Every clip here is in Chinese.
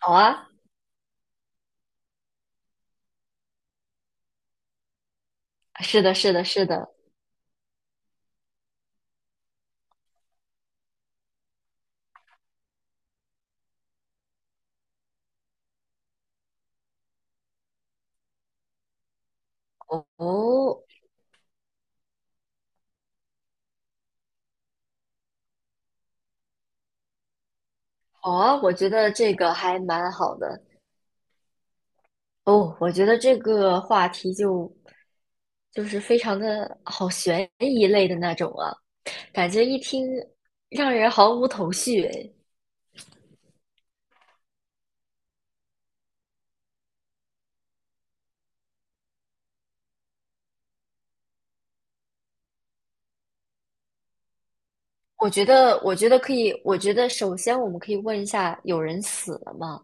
好啊。是的，是的，是的。哦，好啊，我觉得这个还蛮好的。哦，我觉得这个话题就非常的好悬疑类的那种啊，感觉一听让人毫无头绪诶。我觉得可以，我觉得首先我们可以问一下，有人死了吗？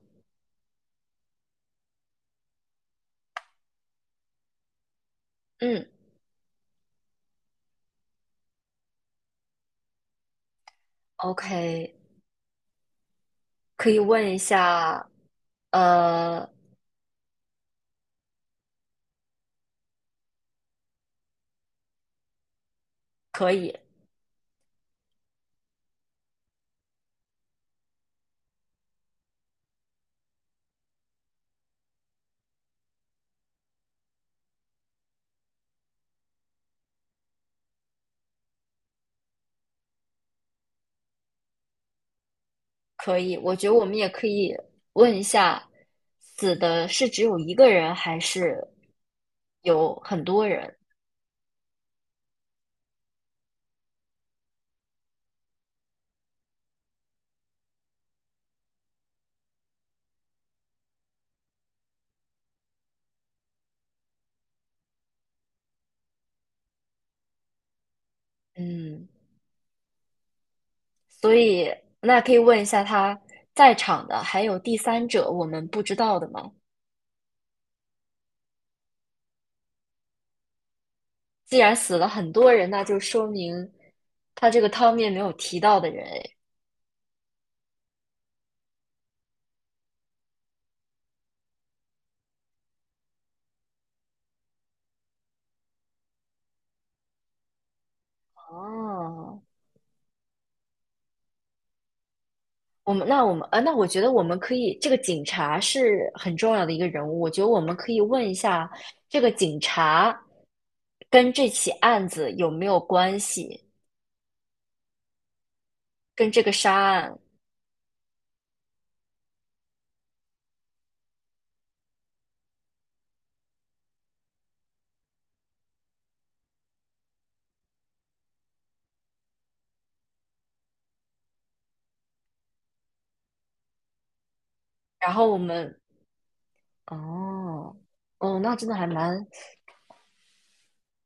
嗯，OK，可以问一下，呃，可以。可以，我觉得我们也可以问一下，死的是只有一个人，还是有很多人？嗯，所以那可以问一下他在场的，还有第三者，我们不知道的吗？既然死了很多人，那就说明他这个汤面没有提到的人。哎，哦，我们那我觉得我们可以，这个警察是很重要的一个人物，我觉得我们可以问一下这个警察跟这起案子有没有关系，跟这个杀案。然后我们哦哦，那真的还蛮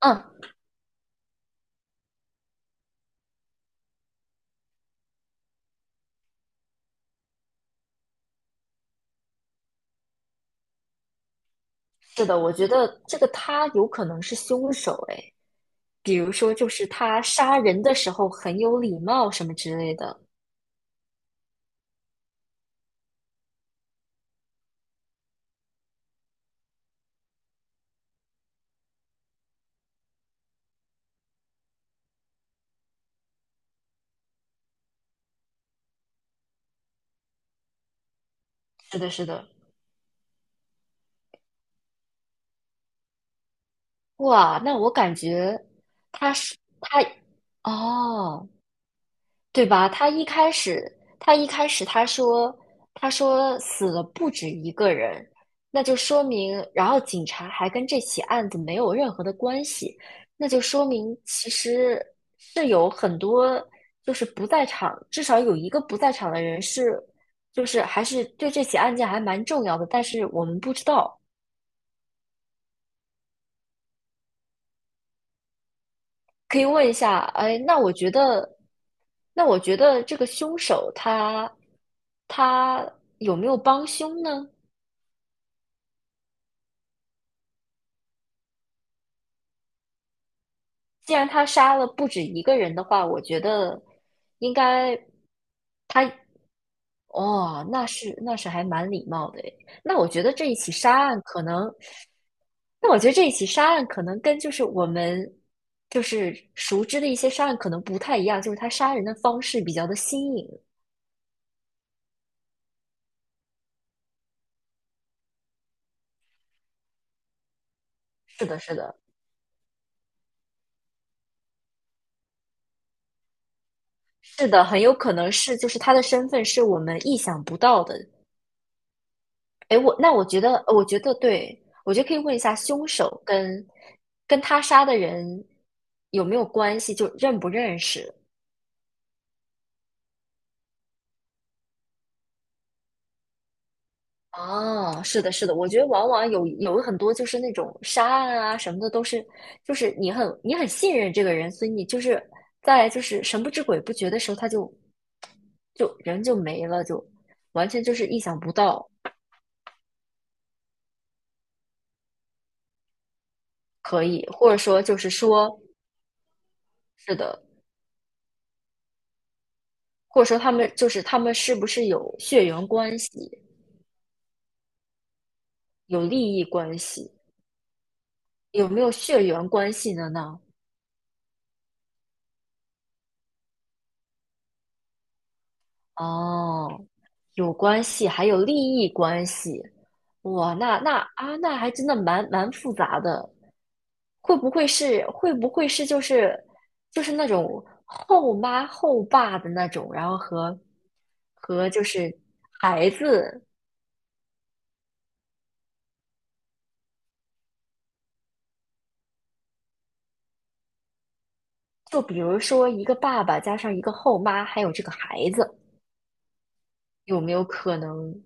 嗯，是的，我觉得这个他有可能是凶手诶，比如说就是他杀人的时候很有礼貌什么之类的。是的，是的。哇，那我感觉他是他。哦。对吧？他一开始他说，他说死了不止一个人，那就说明，然后警察还跟这起案子没有任何的关系，那就说明其实是有很多不在场，至少有一个不在场的人就是还是对这起案件还蛮重要的，但是我们不知道。可以问一下，哎，那我觉得这个凶手他有没有帮凶呢？既然他杀了不止一个人的话，我觉得应该他。哦，那是还蛮礼貌的诶。那我觉得这一起杀案可能，那我觉得这一起杀案可能跟就是我们就是熟知的一些杀案可能不太一样，就是他杀人的方式比较的新颖。是的，是的，是的，很有可能是就是他的身份是我们意想不到的。哎，我觉得对，我觉得可以问一下凶手跟跟他杀的人有没有关系，就认不认识？哦，是的，是的，我觉得往往有很多就是那种杀案啊什么的，都是就是你很信任这个人，所以你就是就是神不知鬼不觉的时候，就人就没了，就完全就是意想不到。可以，或者说就是说是的，或者说他们是不是有血缘关系？有利益关系，有没有血缘关系的呢？哦，有关系，还有利益关系。哇，那还真的蛮复杂的。会不会是就是就是那种后妈后爸的那种，然后和和就是孩子，就比如说一个爸爸加上一个后妈，还有这个孩子，有没有可能。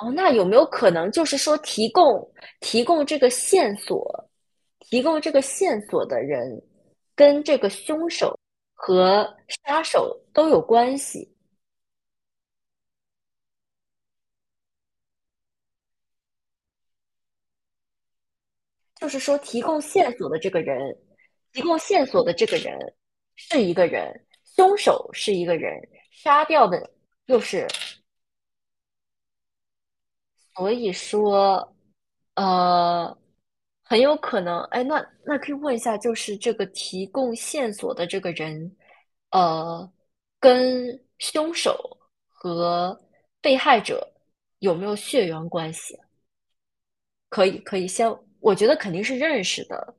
哦，那有没有可能就是说提供这个线索，提供这个线索的人跟这个凶手和杀手都有关系？就是说提供线索的这个人，提供线索的这个人是一个人，凶手是一个人，杀掉的又是。所以说，呃，很有可能，哎，可以问一下，就是这个提供线索的这个人，呃，跟凶手和被害者有没有血缘关系？可以，可以先，我觉得肯定是认识的，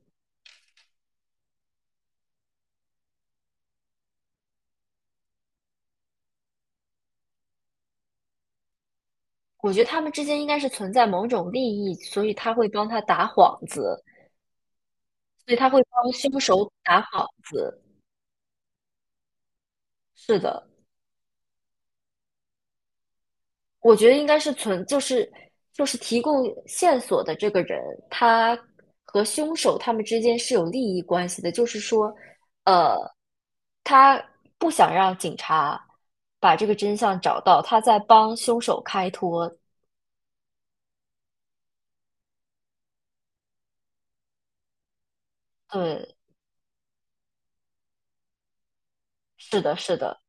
我觉得他们之间应该是存在某种利益，所以他会帮他打幌子，所以他会帮凶手打幌子，是的。我觉得应该是存，就是提供线索的这个人，他和凶手他们之间是有利益关系的，就是说，呃，他不想让警察把这个真相找到，他在帮凶手开脱。对，是的，是的，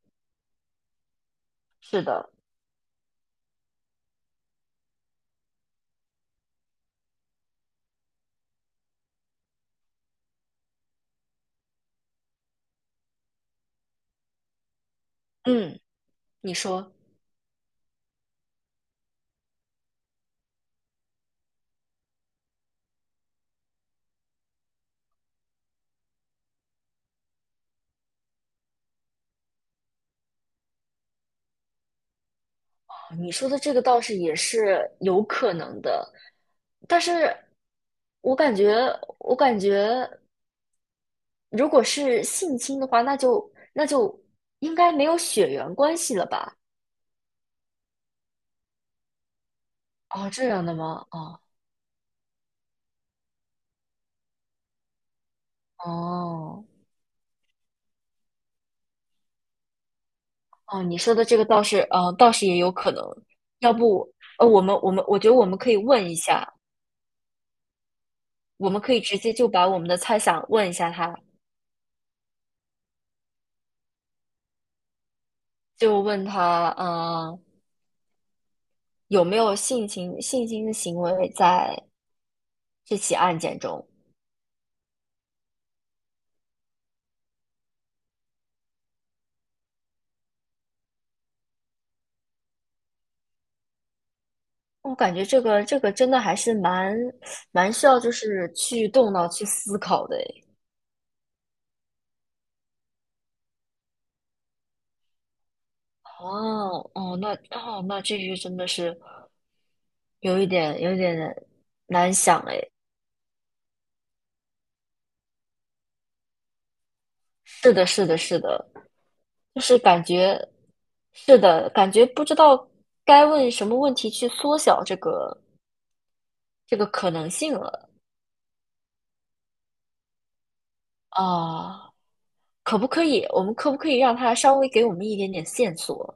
是的。嗯，你说，你说的这个倒是也是有可能的，但是我感觉，我感觉。如果是性侵的话，那就应该没有血缘关系了吧？哦，这样的吗？哦哦哦，你说的这个倒是，倒是也有可能。要不，我们我觉得我们可以问一下，我们可以直接就把我们的猜想问一下他，就问他，有没有性侵的行为在这起案件中？我感觉这个真的还是蛮需要就是去动脑去思考的诶。哦哦，那哦那这句真的是有一点难想哎，是的，是的，是的，就是感觉是的，感觉不知道该问什么问题去缩小这个可能性了。啊，可不可以？我们可不可以让他稍微给我们一点点线索？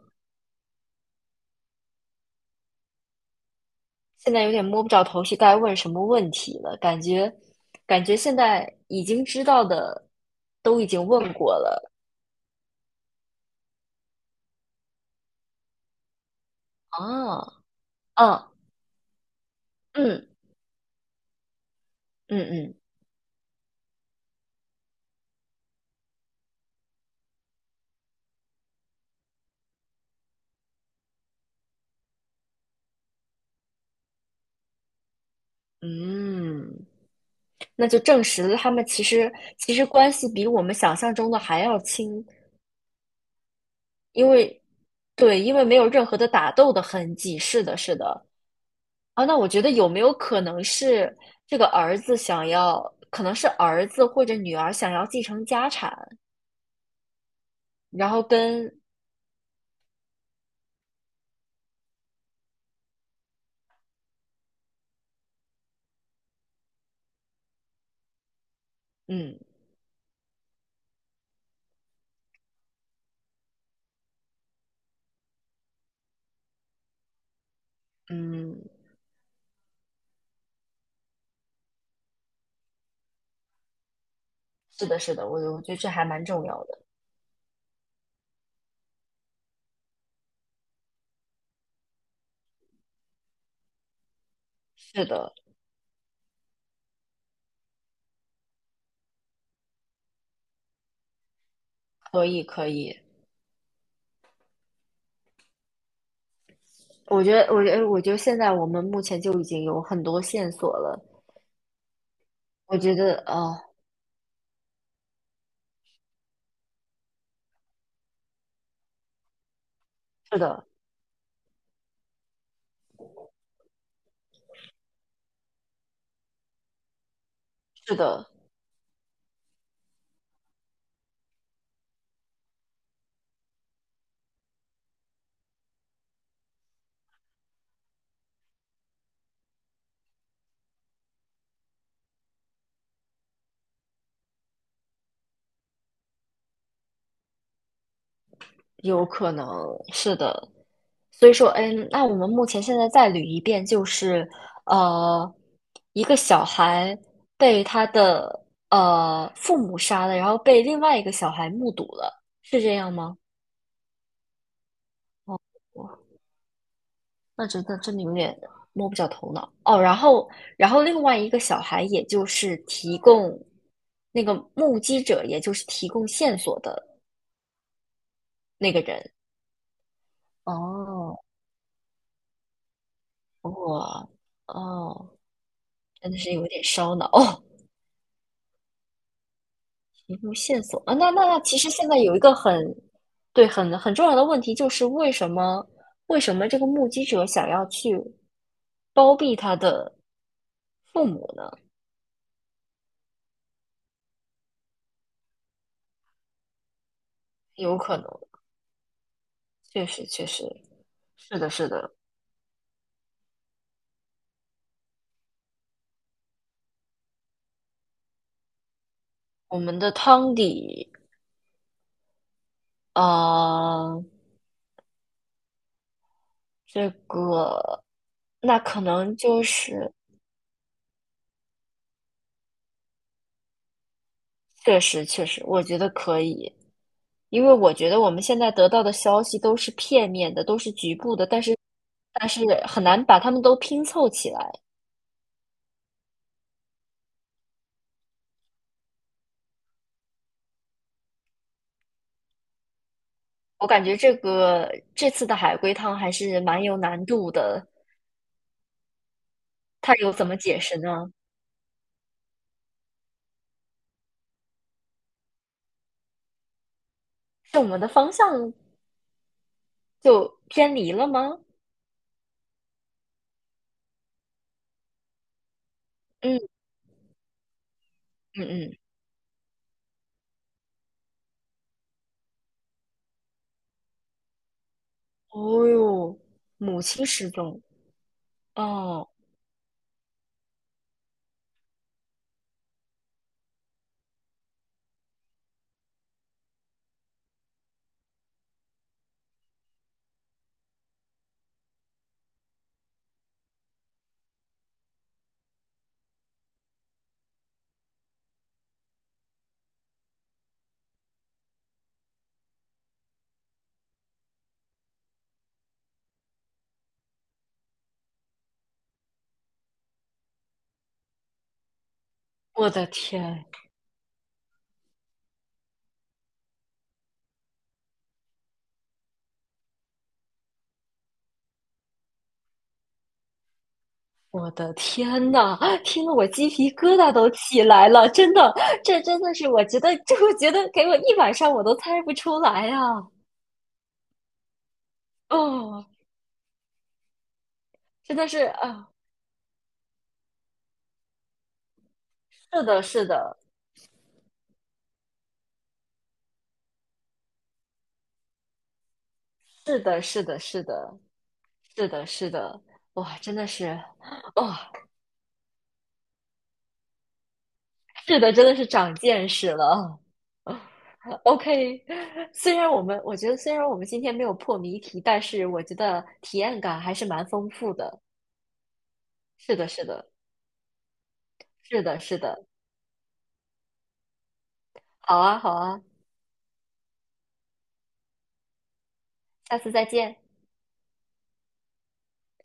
现在有点摸不着头绪，该问什么问题了？感觉感觉现在已经知道的都已经问过了。啊，嗯嗯嗯嗯嗯，那就证实了他们其实其实关系比我们想象中的还要亲，因为对，因为没有任何的打斗的痕迹。是的，是的。啊，那我觉得有没有可能是这个儿子想要，可能是儿子或者女儿想要继承家产，然后跟嗯嗯，是的，是的，我觉得这还蛮重要的。是的，可以可以。我觉得现在我们目前就已经有很多线索了。我觉得哦，是的，是的，有可能是的。所以说，嗯，那我们目前现在再捋一遍，就是呃，一个小孩被他的父母杀了，然后被另外一个小孩目睹了，是这样吗？哦，那真的有点摸不着头脑哦。然后另外一个小孩，也就是提供那个目击者，也就是提供线索的那个人。哦，哇哦，真的是有点烧脑哦。提供线索啊，那那那，其实现在有一个很对很重要的问题，就是为什么这个目击者想要去包庇他的父母呢？有可能，确实是的，是的。我们的汤底，呃，这个那可能就是确实，我觉得可以。因为我觉得我们现在得到的消息都是片面的，都是局部的，但是很难把它们都拼凑起来。我感觉这次的海龟汤还是蛮有难度的，它有怎么解释呢？是我们的方向就偏离了吗？嗯嗯嗯。哦哟，母亲失踪。哦，我的天！我的天呐，听得我鸡皮疙瘩都起来了，真的，这真的是我觉得给我一晚上我都猜不出来呀、哦，真的是啊，是的，是的，是的，是的，是的，是的，是的，哇，真的是。哦，是的，真的是长见识了。OK，虽然我觉得虽然我们今天没有破谜题，但是我觉得体验感还是蛮丰富的。是的，是的，是的，是的。好啊，好啊。下次再见。